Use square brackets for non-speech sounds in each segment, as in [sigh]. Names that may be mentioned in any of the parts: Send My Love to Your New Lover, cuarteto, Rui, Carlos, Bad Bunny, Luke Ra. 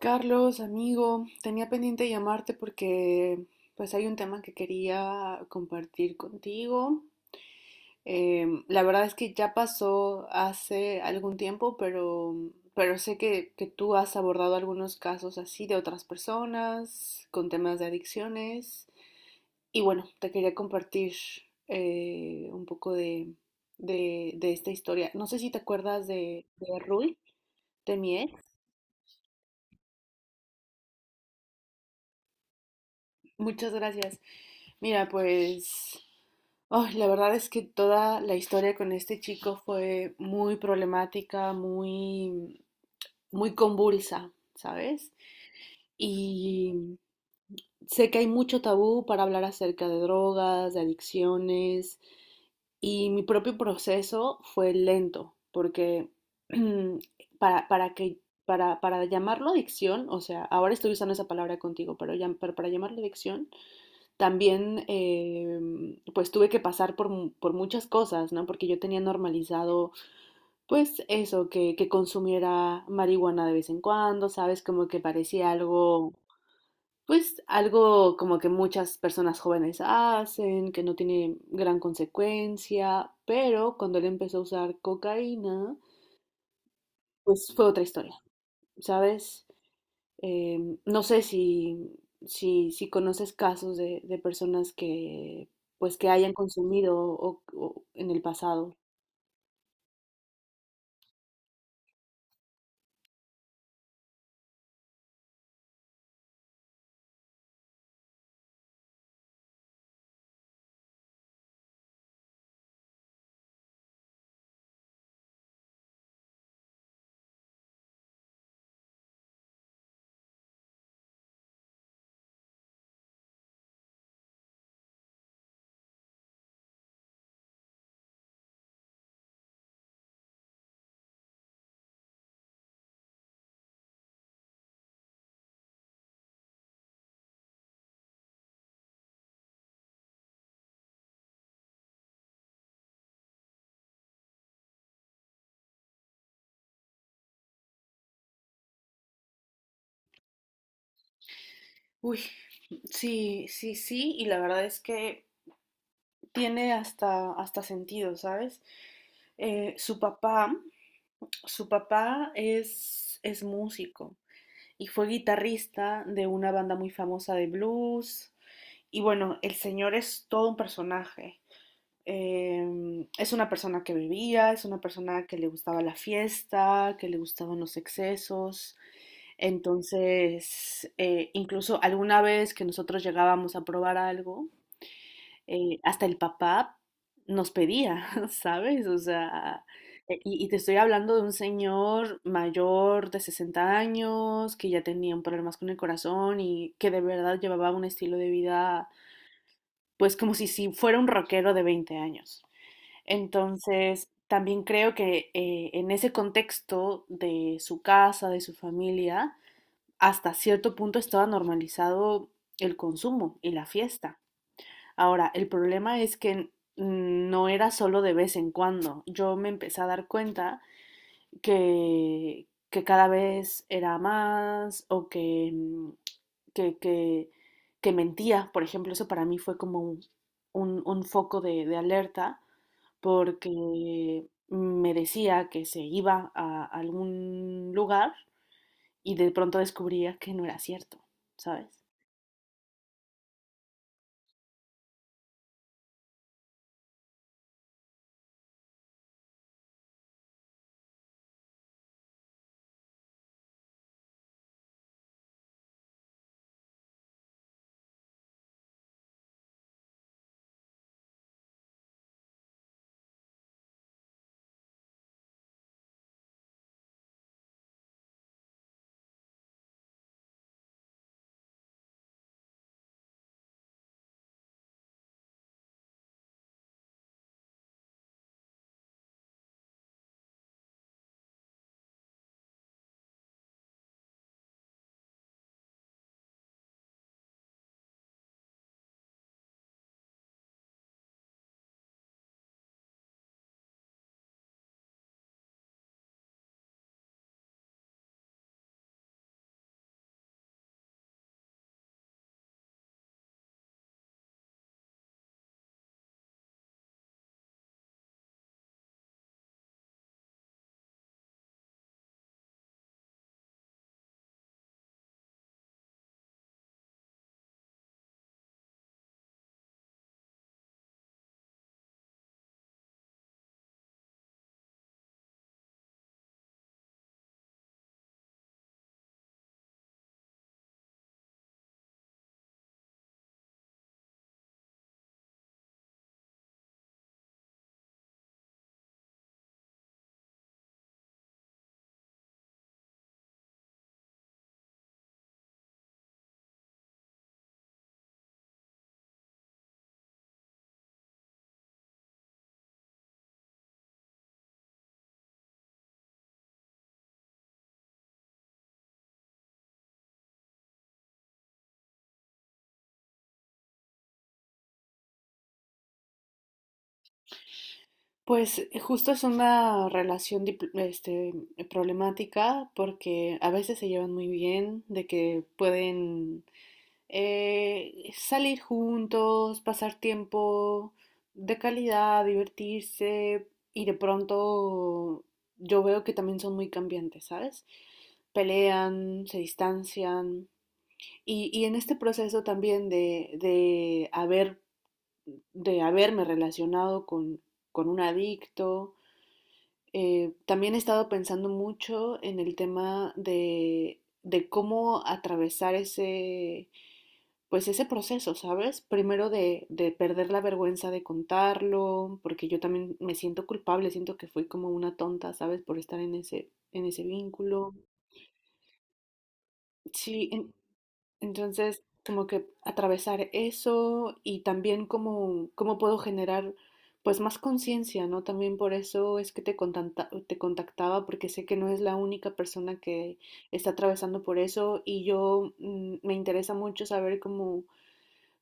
Carlos, amigo, tenía pendiente llamarte porque pues hay un tema que quería compartir contigo. La verdad es que ya pasó hace algún tiempo, pero sé que tú has abordado algunos casos así de otras personas con temas de adicciones. Y bueno, te quería compartir un poco de esta historia. No sé si te acuerdas de Rui, de mi ex. Muchas gracias. Mira, pues... Ay, la verdad es que toda la historia con este chico fue muy problemática, muy, muy convulsa, ¿sabes? Y sé que hay mucho tabú para hablar acerca de drogas, de adicciones, y mi propio proceso fue lento, porque [clears throat] para, para que, para llamarlo adicción, o sea, ahora estoy usando esa palabra contigo, pero, pero para llamarlo adicción, también pues tuve que pasar por, por muchas cosas, ¿no? Porque yo tenía normalizado pues eso, que consumiera marihuana de vez en cuando, ¿sabes? Como que parecía algo, pues algo como que muchas personas jóvenes hacen, que no tiene gran consecuencia, pero cuando él empezó a usar cocaína, pues fue otra historia, ¿sabes? No sé si conoces casos de personas que pues que hayan consumido o en el pasado. Uy, sí, sí, sí, y la verdad es que tiene hasta, hasta sentido, ¿sabes? Su papá, su papá es músico y fue guitarrista de una banda muy famosa de blues. Y bueno, el señor es todo un personaje. Es una persona que bebía, es una persona que le gustaba la fiesta, que le gustaban los excesos. Entonces, incluso alguna vez que nosotros llegábamos a probar algo, hasta el papá nos pedía, [laughs] ¿sabes? O sea, y te estoy hablando de un señor mayor de 60 años que ya tenía un problemas con el corazón y que de verdad llevaba un estilo de vida, pues como si fuera un rockero de 20 años. Entonces, también creo que en ese contexto de su casa, de su familia, hasta cierto punto estaba normalizado el consumo y la fiesta. Ahora, el problema es que no era solo de vez en cuando. Yo me empecé a dar cuenta que cada vez era más o que, mm, que, que, que mentía. Por ejemplo, eso para mí fue como un, un foco de alerta porque me decía que se iba a algún lugar y de pronto descubría que no era cierto, ¿sabes? Pues justo es una relación problemática porque a veces se llevan muy bien, de que pueden salir juntos, pasar tiempo de calidad, divertirse y de pronto yo veo que también son muy cambiantes, ¿sabes? Pelean, se distancian. Y en este proceso también de haberme relacionado con un adicto, también he estado pensando mucho en el tema de cómo atravesar ese, pues ese proceso, ¿sabes? Primero perder la vergüenza de contarlo, porque yo también me siento culpable, siento que fui como una tonta, ¿sabes? Por estar en ese vínculo. Sí, entonces, como que atravesar eso y también cómo, cómo puedo generar pues más conciencia, ¿no? También por eso es que te contactaba, porque sé que no es la única persona que está atravesando por eso y yo me interesa mucho saber cómo,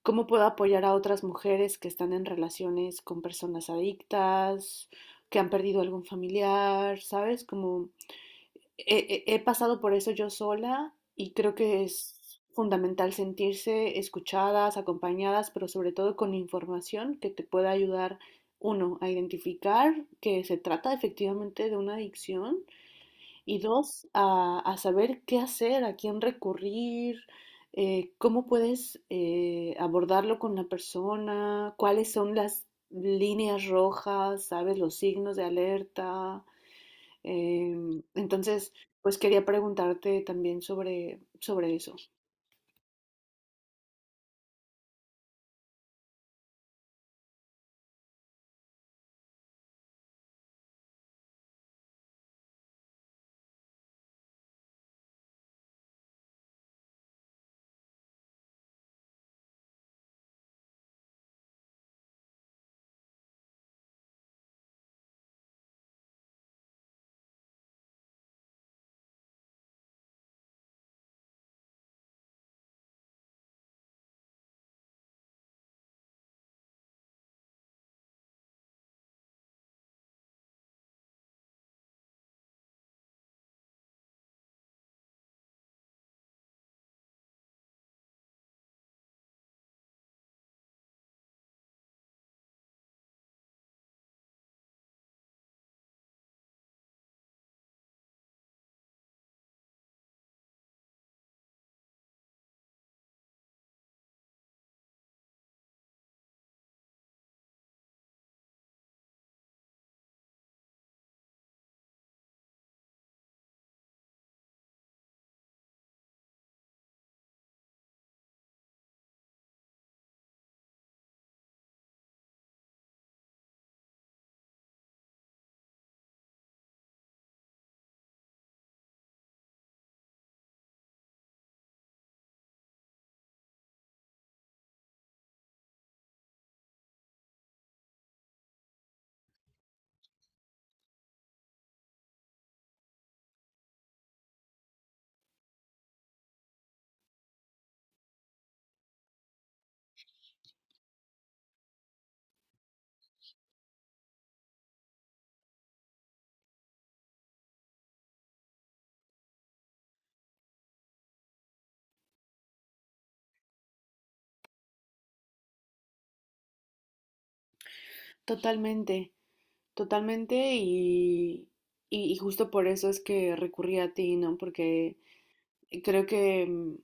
cómo puedo apoyar a otras mujeres que están en relaciones con personas adictas, que han perdido algún familiar, ¿sabes? Como he pasado por eso yo sola y creo que es fundamental sentirse escuchadas, acompañadas, pero sobre todo con información que te pueda ayudar, uno, a identificar que se trata efectivamente de una adicción y dos, a saber qué hacer, a quién recurrir. Cómo puedes abordarlo con la persona, cuáles son las líneas rojas, sabes, los signos de alerta. Entonces, pues quería preguntarte también sobre, sobre eso. Totalmente, totalmente y justo por eso es que recurrí a ti, ¿no? Porque creo que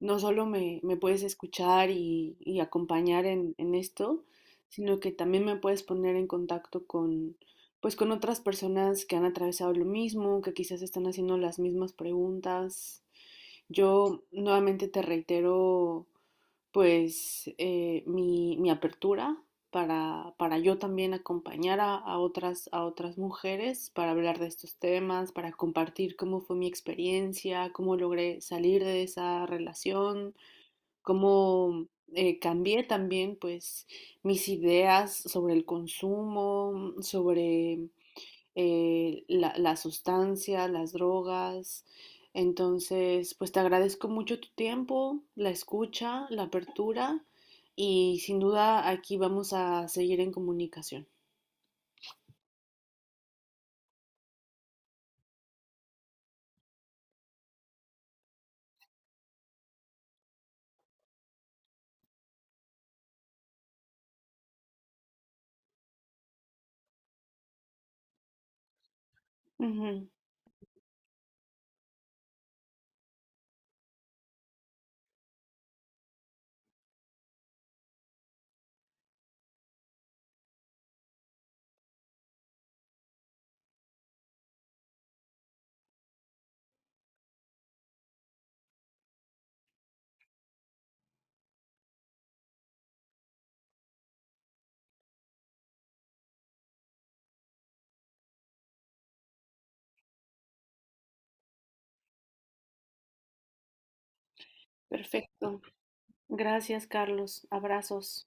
no solo me, me puedes escuchar y acompañar en esto, sino que también me puedes poner en contacto con, pues con otras personas que han atravesado lo mismo, que quizás están haciendo las mismas preguntas. Yo nuevamente te reitero pues mi apertura para yo también acompañar a otras mujeres para hablar de estos temas, para compartir cómo fue mi experiencia, cómo logré salir de esa relación, cómo cambié también pues mis ideas sobre el consumo, sobre la sustancia, las drogas. Entonces, pues te agradezco mucho tu tiempo, la escucha, la apertura y sin duda aquí vamos a seguir en comunicación. Ujú, perfecto. Gracias, Carlos. Abrazos.